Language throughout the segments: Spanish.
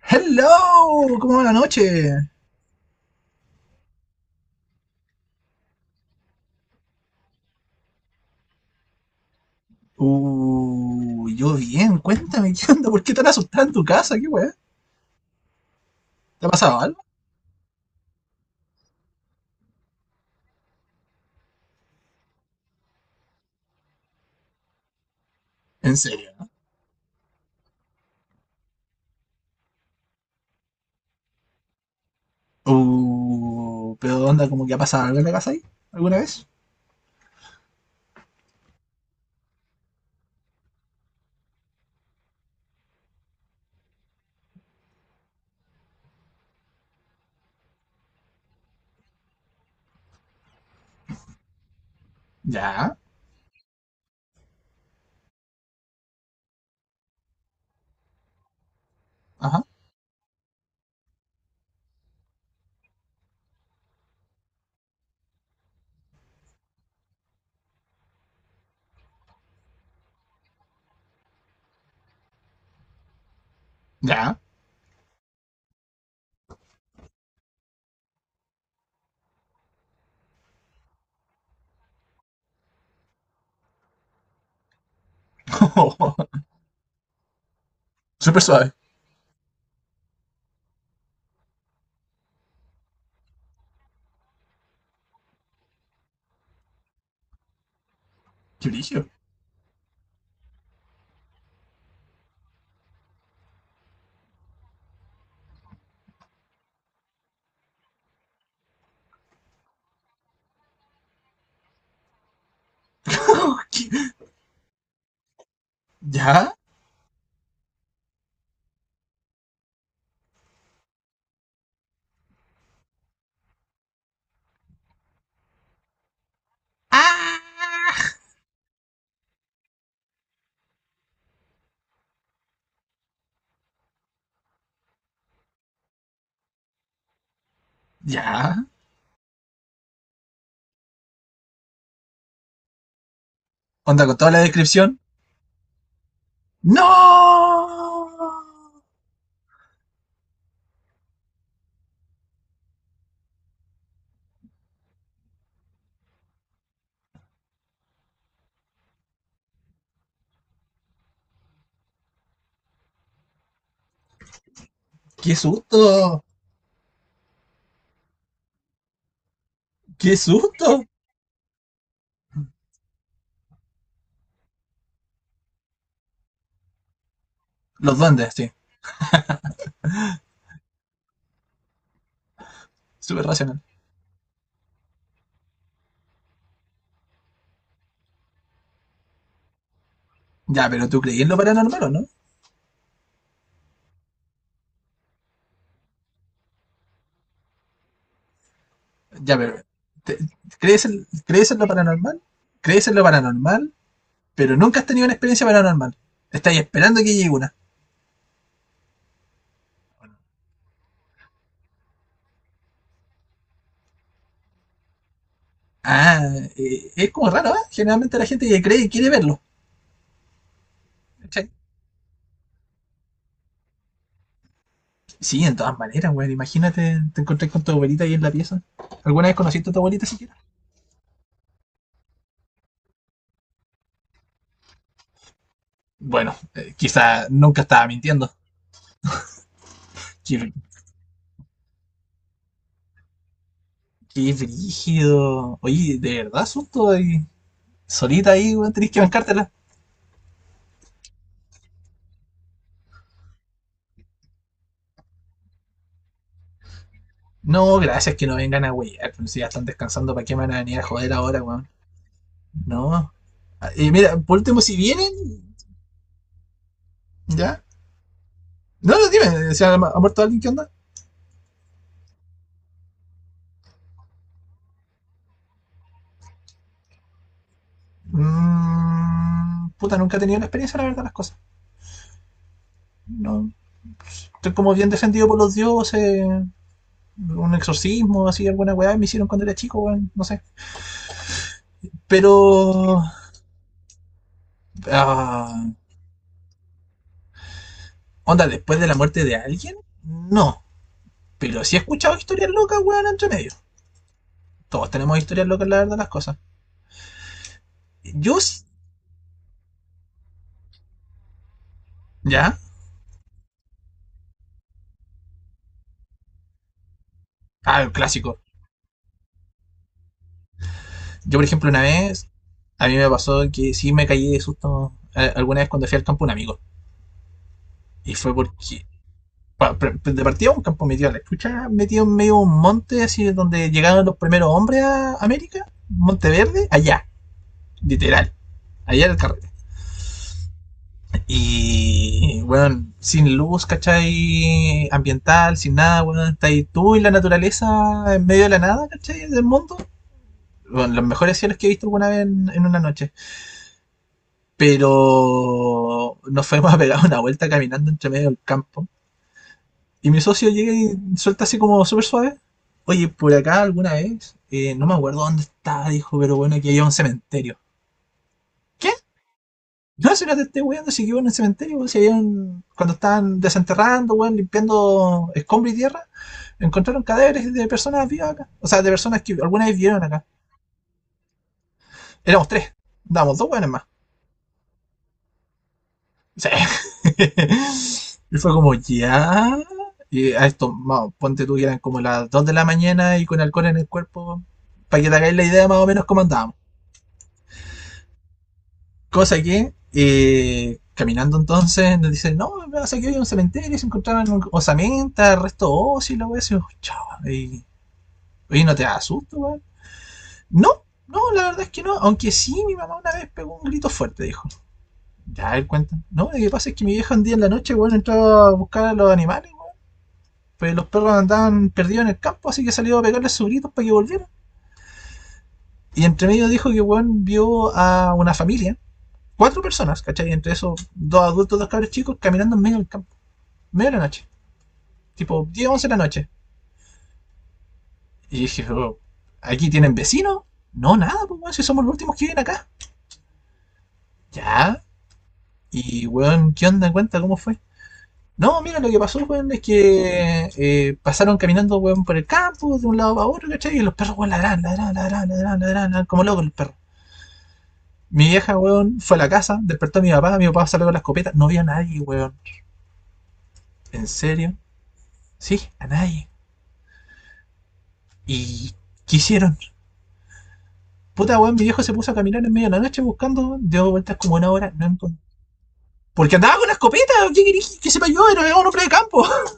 Hello, ¿cómo va la noche? Yo bien, cuéntame, ¿qué onda? ¿Por qué tan asustada en tu casa? ¿Qué weá? ¿Te ha pasado algo? ¿En serio? Pero onda, ¿como que ha pasado algo en la casa ahí? ¿Alguna vez? Ya, ajá, ya. Súper suave. ¿Qué brillo? ¿Qué? ¿Ya? ¡Ah! ¿Ya? ¿Onda con toda la descripción? ¡No! ¡Qué susto! ¡Qué susto! Los duendes, sí. Súper racional. Ya, ¿pero tú crees en lo paranormal o no? Ya, pero te- crees en lo paranormal, crees en lo paranormal, pero nunca has tenido una experiencia paranormal. Estás esperando que llegue una. Ah, es como raro, ¿eh? Generalmente la gente que cree y quiere verlo. ¿Cachai? Sí, en todas maneras, güey. Imagínate, te encontrás con tu abuelita ahí en la pieza. ¿Alguna vez conociste a tu abuelita siquiera? Bueno, quizá nunca estaba mintiendo. Qué, qué brígido. Oye, ¿de verdad, asunto ahí? Solita ahí, güey, tenés que bancártela. No, gracias que no vengan a huear. Pero si ya están descansando, ¿para qué me van a venir a joder ahora, weón? No. Y mira, por último, si vienen, ya. No, no, dime. ¿Se ha muerto alguien? ¿Qué onda? Mm, puta, nunca he tenido la experiencia, la verdad, las cosas. No, estoy como bien defendido por los dioses. Un exorcismo, así, alguna weá me hicieron cuando era chico, weón. No sé. Pero. Ah, onda, después de la muerte de alguien, no. Pero sí he escuchado historias locas, weón, entre medio. Todos tenemos historias locas, la verdad, las cosas. Yo, ya, ah, el clásico. Yo, por ejemplo, una vez, a mí me pasó que sí me caí de susto alguna vez cuando fui al campo un amigo. Y fue porque, de partida un campo metido a la chucha, metido en medio de un monte, así donde llegaron los primeros hombres a América, Monte Verde, allá, literal, allá en el carrete. Y, bueno, sin luz, ¿cachai? Ambiental, sin nada. Bueno, está ahí tú y la naturaleza en medio de la nada, ¿cachai? Del mundo. Bueno, los mejores cielos que he visto alguna vez en una noche. Pero nos fuimos a pegar una vuelta caminando entre medio del campo. Y mi socio llega y suelta así como súper suave. Oye, por acá alguna vez, no me acuerdo dónde estaba, dijo, pero bueno, aquí había un cementerio. ¿Qué? No, si no te estoy weando, si que iba en el cementerio, weón, si había un- cuando estaban desenterrando, weón, limpiando escombro y tierra, encontraron cadáveres de personas vivas acá. O sea, de personas que alguna vez vivieron acá. Éramos tres, damos dos weones más. Sí. Y fue como, ya. Y a esto, vamos, ponte tú que eran como las 2 de la mañana y con alcohol en el cuerpo, para que te hagáis la idea más o menos cómo andábamos. Cosa que, caminando entonces, nos dicen, no, no sé que había un cementerio, se encontraban osamentas, restos óseos y la wea, así, oh, chao, y, oye, ¿no te da susto, weón? No, no, la verdad es que no, aunque sí, mi mamá una vez pegó un grito fuerte, dijo. Ya, él cuenta. No, lo que pasa es que mi vieja un día en la noche, weón, entró a buscar a los animales. Pues los perros andaban perdidos en el campo, así que salió a pegarles sus gritos para que volvieran. Y entre medio dijo que weón vio a una familia, cuatro personas, ¿cachai? Entre esos dos adultos, dos cabros chicos, caminando en medio del campo, medio de la noche, tipo 10, 11 de la noche. Y dije, oh, ¿aquí tienen vecinos? No, nada, pues weón, si somos los últimos que viven acá. Ya, y weón, ¿qué onda? Cuenta cómo fue. No, mira, lo que pasó, weón, es que pasaron caminando, weón, por el campo, de un lado a otro, ¿cachai? Y los perros, weón, ladran, ladran, ladran, ladran, ladran, ladran, como locos los perros. Mi vieja, weón, fue a la casa, despertó a mi papá. Mi papá salió con la escopeta, no vio a nadie, weón. ¿En serio? Sí, a nadie. ¿Y qué hicieron? Puta, weón, mi viejo se puso a caminar en medio de la noche buscando, dio vueltas como una hora, no encontró. Porque andaba con la escopeta, ¿qué querés que sepa yo? Era un hombre de campo.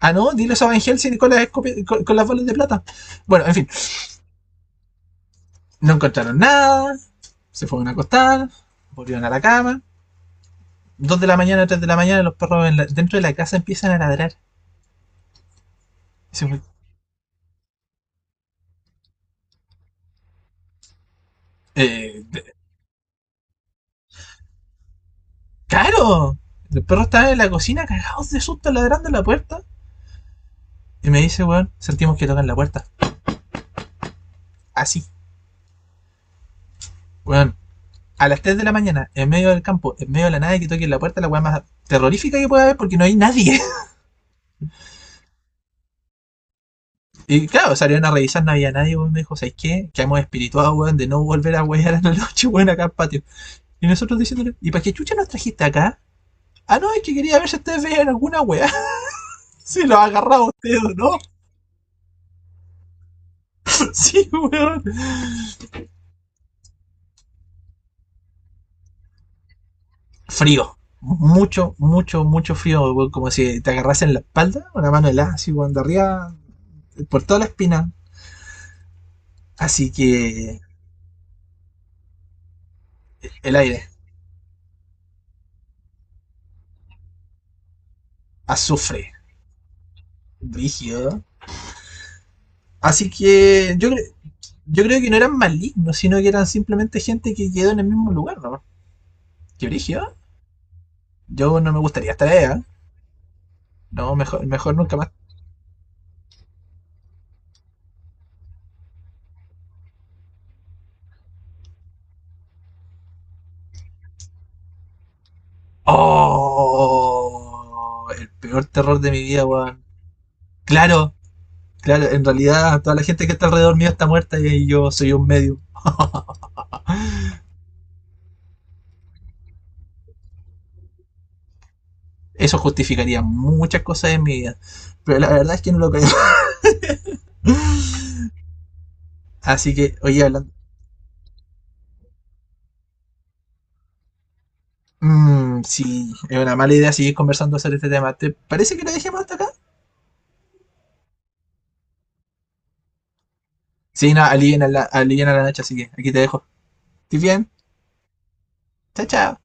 Ah, no, dile eso a Van Helsing con las, escope- con las bolas de plata. Bueno, en fin, no encontraron nada, se fueron a acostar, volvieron a la cama. 2 de la mañana, 3 de la mañana, los perros en dentro de la casa empiezan a ladrar. eh, ¡Claro! El perro estaba en la cocina cagados de susto ladrando en la puerta. Y me dice, weón, sentimos que tocan la puerta. Así, weón. A las 3 de la mañana, en medio del campo, en medio de la nada, que toquen la puerta, la weá más terrorífica que pueda haber porque no hay nadie. Y claro, salieron a revisar, no había nadie, weón. Me dijo, ¿sabes qué? Que hemos espirituado, weón, de no volver a wear a la noche, weón, acá al patio. Y nosotros diciéndole, ¿y para qué chucha nos trajiste acá? Ah, no, es que quería ver si ustedes veían alguna weá. Si lo agarraba usted o no. Sí, weón. Frío. Mucho, mucho, mucho frío, weón, como si te agarrasen la espalda, una mano helada, así, weón, de arriba, por toda la espina. Así que el aire, azufre, rígido. Así que yo, yo creo que no eran malignos, sino que eran simplemente gente que quedó en el mismo lugar, ¿no? ¿Qué brígido? Yo no me gustaría estar allá. ¿Eh? No, mejor, mejor nunca más. ¡Oh! El peor terror de mi vida, weón. Claro, claro, en realidad toda la gente que está alrededor mío está muerta y yo soy un medio. Eso justificaría muchas cosas en mi vida. Pero la verdad es que no lo creo. Así que, oye, hablando. Mmm, sí, es una mala idea seguir conversando sobre este tema. ¿Te parece que lo dejemos hasta acá? Sí, no, alivien a la noche, así que aquí te dejo. ¿Estás bien? Chao, chao.